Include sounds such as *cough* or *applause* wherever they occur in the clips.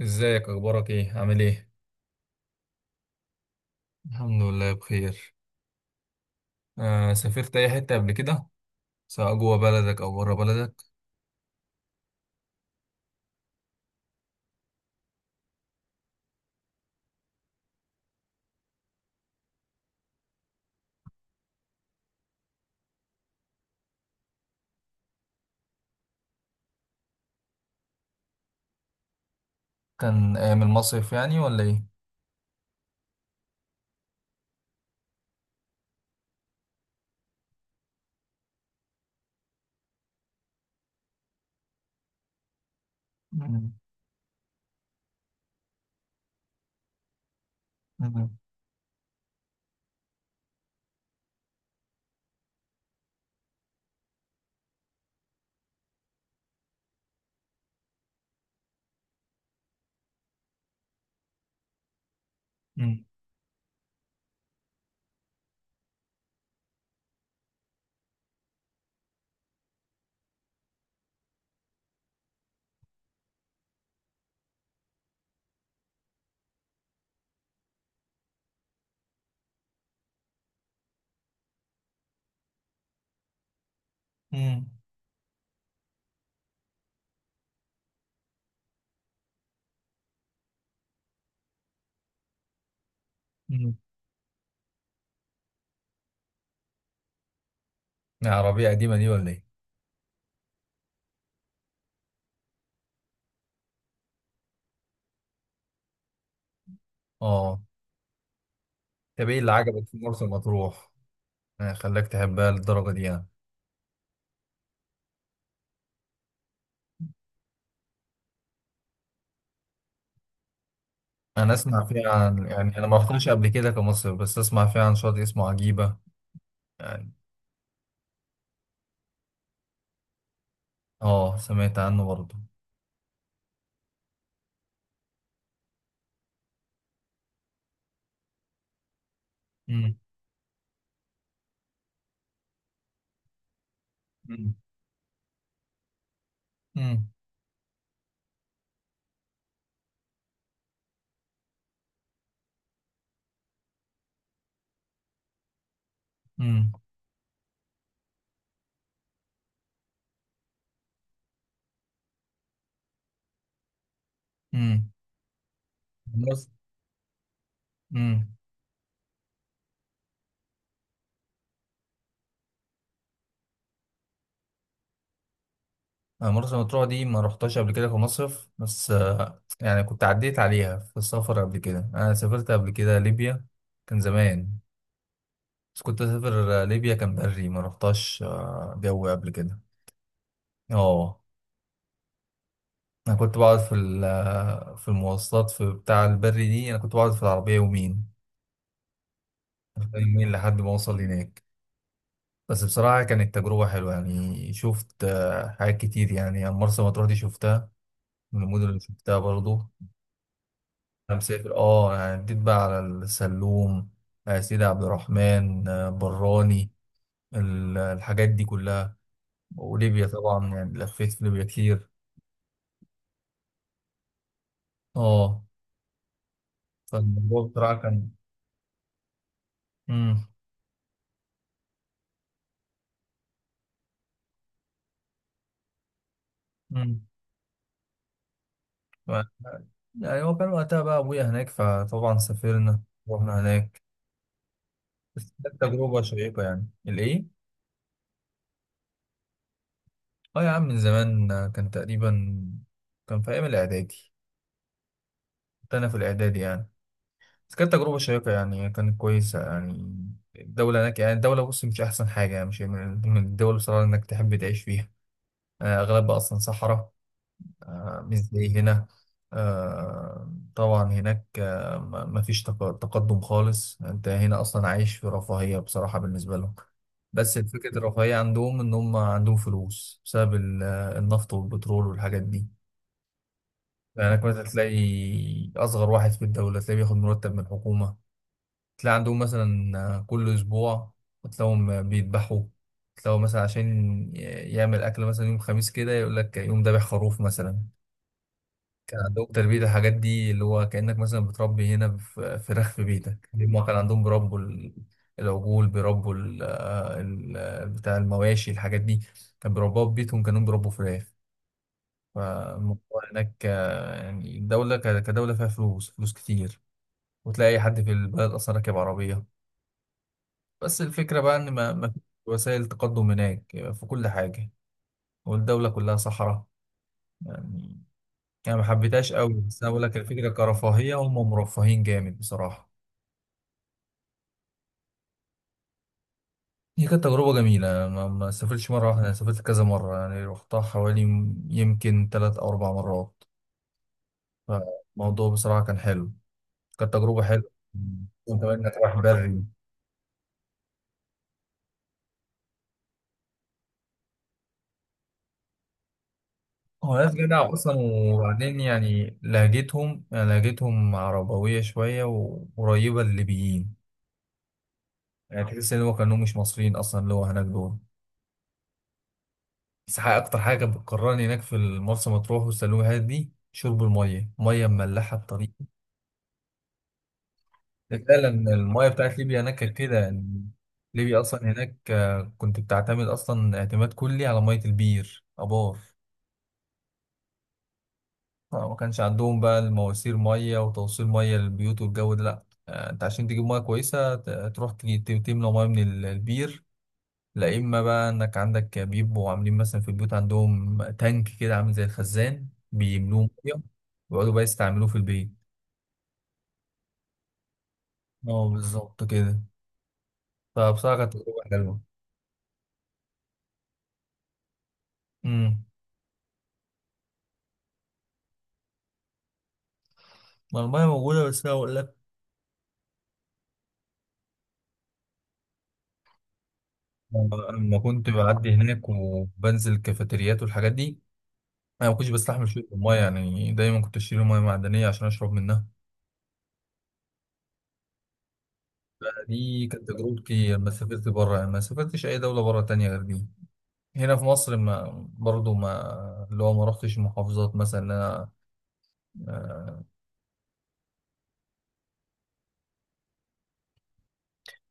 ازيك؟ اخبارك ايه؟ عامل ايه؟ الحمد لله بخير. آه، سافرت أي حتة قبل كده؟ سواء جوه بلدك أو بره بلدك؟ كان أيام المصيف يعني ولا إيه؟ مم. مم. مم. مم. مم. يا عربية قديمة دي ولا ايه؟ آه. طب ايه اللي عجبك في مرسى مطروح؟ آه، خلاك تحبها للدرجة دي يعني؟ انا اسمع فيها عن يعني انا ما رحتش قبل كده كمصيف، بس اسمع فيها عن شاطئ اسمه عجيبة يعني. آه، سمعت عنه برضه. مم. مم. مم. مم. مم. بس. مم. أنا مرسى مطروح دي ما رحتهاش قبل كده في مصيف، بس يعني كنت عديت عليها في السفر قبل كده. أنا سافرت قبل كده ليبيا، كان زمان. بس كنت أسافر ليبيا، كان بري ما رحتهاش جو قبل كده. اه. أنا كنت بقعد في في المواصلات في بتاع البري دي. أنا كنت بقعد في العربية يومين، يومين لحد ما أوصل هناك. بس بصراحة كانت تجربة حلوة يعني. شفت حاجات كتير يعني. مرسى مطروح دي شفتها من المدن اللي شفتها برضو. انا مسافر اه، يعني جيت بقى على السلوم، سيدي عبد الرحمن، براني، الحاجات دي كلها. وليبيا طبعا يعني لفيت في ليبيا كتير. اه، فالموضوع بصراحة كان. امم امم ف- يعني هو كان وقتها بقى ابويا هناك فطبعا سافرنا، رحنا هناك. بس كانت تجربة شيقة يعني الايه. اه يا عم، من زمان، كان تقريبا كان في ايام الاعدادي، كنت انا في الاعدادي يعني. بس كانت تجربة شيقة يعني، كانت كويسة يعني. الدولة هناك يعني الدولة بص مش أحسن حاجة يعني، مش من ضمن الدول بصراحة إنك تحب تعيش فيها. آه، أغلبها أصلا صحراء. آه، مش زي هنا. آه، طبعا هناك ما فيش تقدم خالص. أنت هنا أصلا عايش في رفاهية بصراحة بالنسبة لهم. بس الفكرة الرفاهية عندهم إن هم عندهم فلوس بسبب النفط والبترول والحاجات دي. يعني هناك مثلا تلاقي أصغر واحد في الدولة تلاقيه بياخد مرتب من الحكومة. تلاقي عندهم مثلا كل أسبوع تلاقيهم بيذبحوا. تلاقوا مثلا عشان يعمل أكل مثلا يوم خميس كده، يقول لك يوم ذابح خروف مثلا. كان عندهم تربية الحاجات دي اللي هو كأنك مثلا بتربي هنا فراخ في بيتك. هما كان عندهم بيربوا العجول، بيربوا بتاع المواشي الحاجات دي، كان بيربوها في بيتهم، كانوا بيربوا فراخ. فالموضوع هناك يعني الدولة كدولة فيها فلوس فلوس كتير. وتلاقي أي حد في البلد أصلا راكب عربية. بس الفكرة بقى إن ما فيش وسائل تقدم هناك في كل حاجة، والدولة كلها صحراء يعني. أنا ما حبيتهاش قوي، بس أنا بقول لك الفكرة كرفاهية هم مرفهين جامد بصراحة. هي كانت تجربة جميلة، أنا ما سافرتش مرة واحدة، أنا سافرت كذا مرة يعني. رحتها حوالي يمكن 3 أو 4 مرات. فالموضوع بصراحة كان حلو، كانت تجربة حلوة. وكمان إنك رايح بري. هو ناس جدع أصلا، وبعدين يعني لهجتهم، يعني لهجتهم عربوية شوية وقريبة للليبيين. يعني تحس ان هو كانوا مش مصريين اصلا اللي هو هناك دول. بس اكتر حاجه بتكرهني هناك في مرسى مطروح والسلوميهات دي شرب الميه، ميه مملحه بطريقه. ده فعلا الميه بتاعت ليبيا هناك كانت كده يعني. ليبيا اصلا هناك كنت بتعتمد اصلا اعتماد كلي على ميه البير ابار. ما كانش عندهم بقى المواسير ميه وتوصيل ميه للبيوت والجو ده لا. انت عشان تجيب ميه كويسه تملى ميه من البير. لا، اما بقى انك عندك بيبقوا عاملين مثلا في البيوت عندهم تانك كده عامل زي الخزان بيملوه ميه، ويقعدوا بقى يستعملوه في البيت. اه، بالظبط كده. فبصراحه كانت تجربه حلوه. امم. ما الميه موجوده، بس انا اقول لك لما كنت بعدي هناك وبنزل الكافيتريات والحاجات دي، انا ما كنتش بستحمل شويه الميه يعني، دايما كنت اشتري ميه معدنيه عشان اشرب منها. دي كانت تجربتي لما سافرت بره يعني. ما سافرتش اي دوله بره تانية غير دي. هنا في مصر ما برضو ما اللي هو ما رحتش المحافظات مثلا إن انا. آه،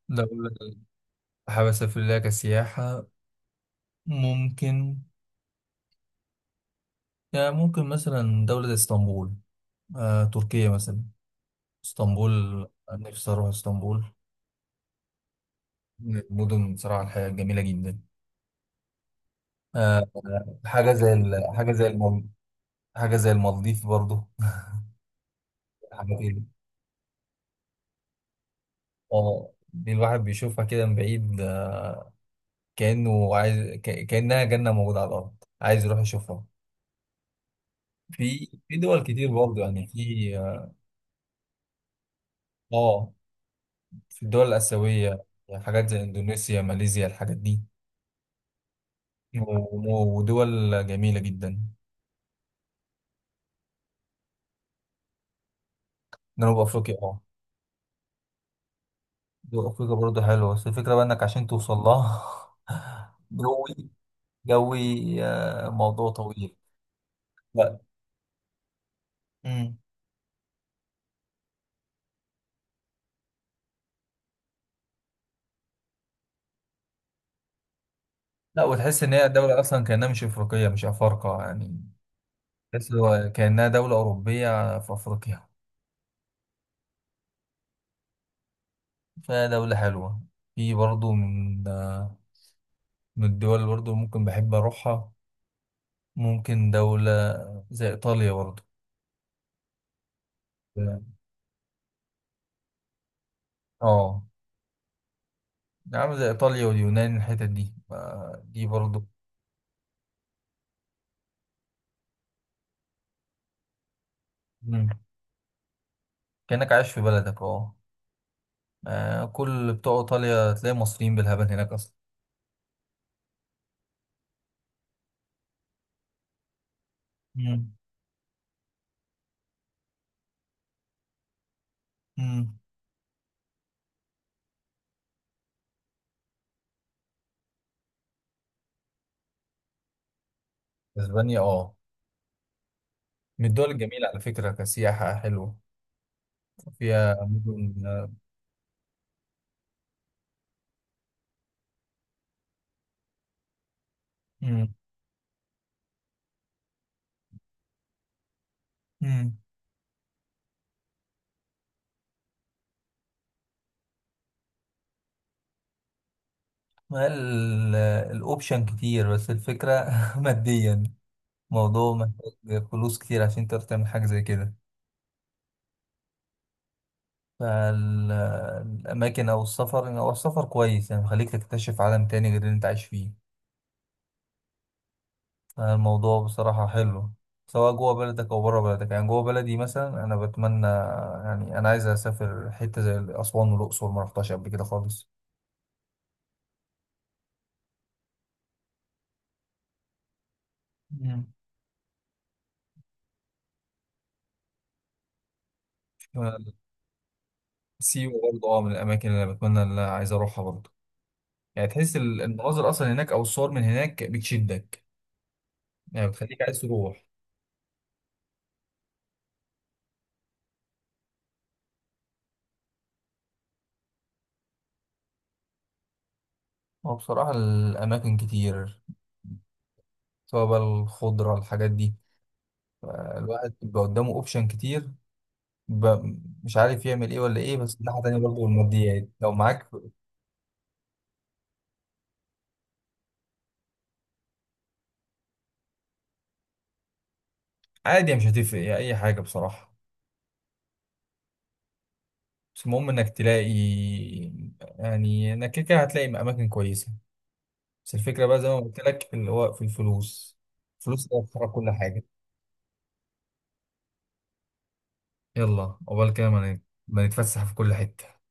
دولة حابب اسافر لها كسياحة. ممكن، يعني ممكن مثلا دولة زي اسطنبول، تركيا مثلا. اسطنبول نفسي اروح اسطنبول. من المدن بصراحة، الحياة جميلة جدا. آه، آه، حاجة زي ال- حاجة زي المال حاجة زي المالديف برضو *laughs* حاجة كده. اه، دي الواحد بيشوفها كده من بعيد، كأنه عايز كأنها جنة موجودة على الأرض، عايز يروح يشوفها. في دول كتير برضه يعني. في اه، في الدول الآسيوية يعني حاجات زي إندونيسيا ماليزيا الحاجات دي. ودول جميلة جدا. جنوب أفريقيا اه. جنوب أفريقيا برضه حلوة، بس الفكرة بقى إنك عشان توصل لها *laughs* جوي. جوي، موضوع طويل. لا. مم. لا، وتحس إن هي دولة أصلا كأنها مش أفريقية، مش أفارقة يعني. تحس هو كأنها دولة أوروبية في أفريقيا. فدولة حلوة. في برضه من من الدول برضو ممكن بحب أروحها. ممكن دولة زي إيطاليا برضو. اه، نعم، زي إيطاليا واليونان الحتت دي، دي برضو. مم. كأنك عايش في بلدك، اه. كل بتوع إيطاليا تلاقي مصريين بالهبل هناك أصلا. مم. مم. إسبانيا اه. من الدول الجميلة على فكرة، كسياحة حلوة. فيها مدن مم. مم. ال- الأوبشن كتير، بس الفكرة *laughs* ماديا. موضوع محتاج فلوس كتير عشان تقدر تعمل حاجة زي كده. فالأماكن أو السفر أو السفر كويس يعني بيخليك تكتشف عالم تاني غير اللي أنت عايش فيه. فالموضوع بصراحة حلو. سواء جوه بلدك أو بره بلدك. يعني جوه بلدي مثلا أنا بتمنى، يعني أنا عايز أسافر حتة زي أسوان والأقصر ما رحتهاش قبل كده خالص. مم. سيوة برضه اه من الأماكن اللي أنا بتمنى، اللي أنا عايز أروحها برضه. يعني تحس المناظر أصلا هناك أو الصور من هناك بتشدك، يعني بتخليك عايز تروح. هو بصراحة الأماكن كتير، سواء بقى الخضرة الحاجات دي، الواحد بيبقى قدامه أوبشن كتير، مش عارف يعمل إيه ولا إيه. بس الناحية التانية برضه الماديات لو معاك. عادي مش هتفرق يعني أي حاجة بصراحة. بس المهم إنك تلاقي، يعني إنك كده كده هتلاقي أماكن كويسة. بس الفكرة بقى زي ما قلت لك اللي هو في الفلوس. الفلوس اللي هتخرج كل حاجة. يلا، عقبال كده ما نتفسح في كل حتة.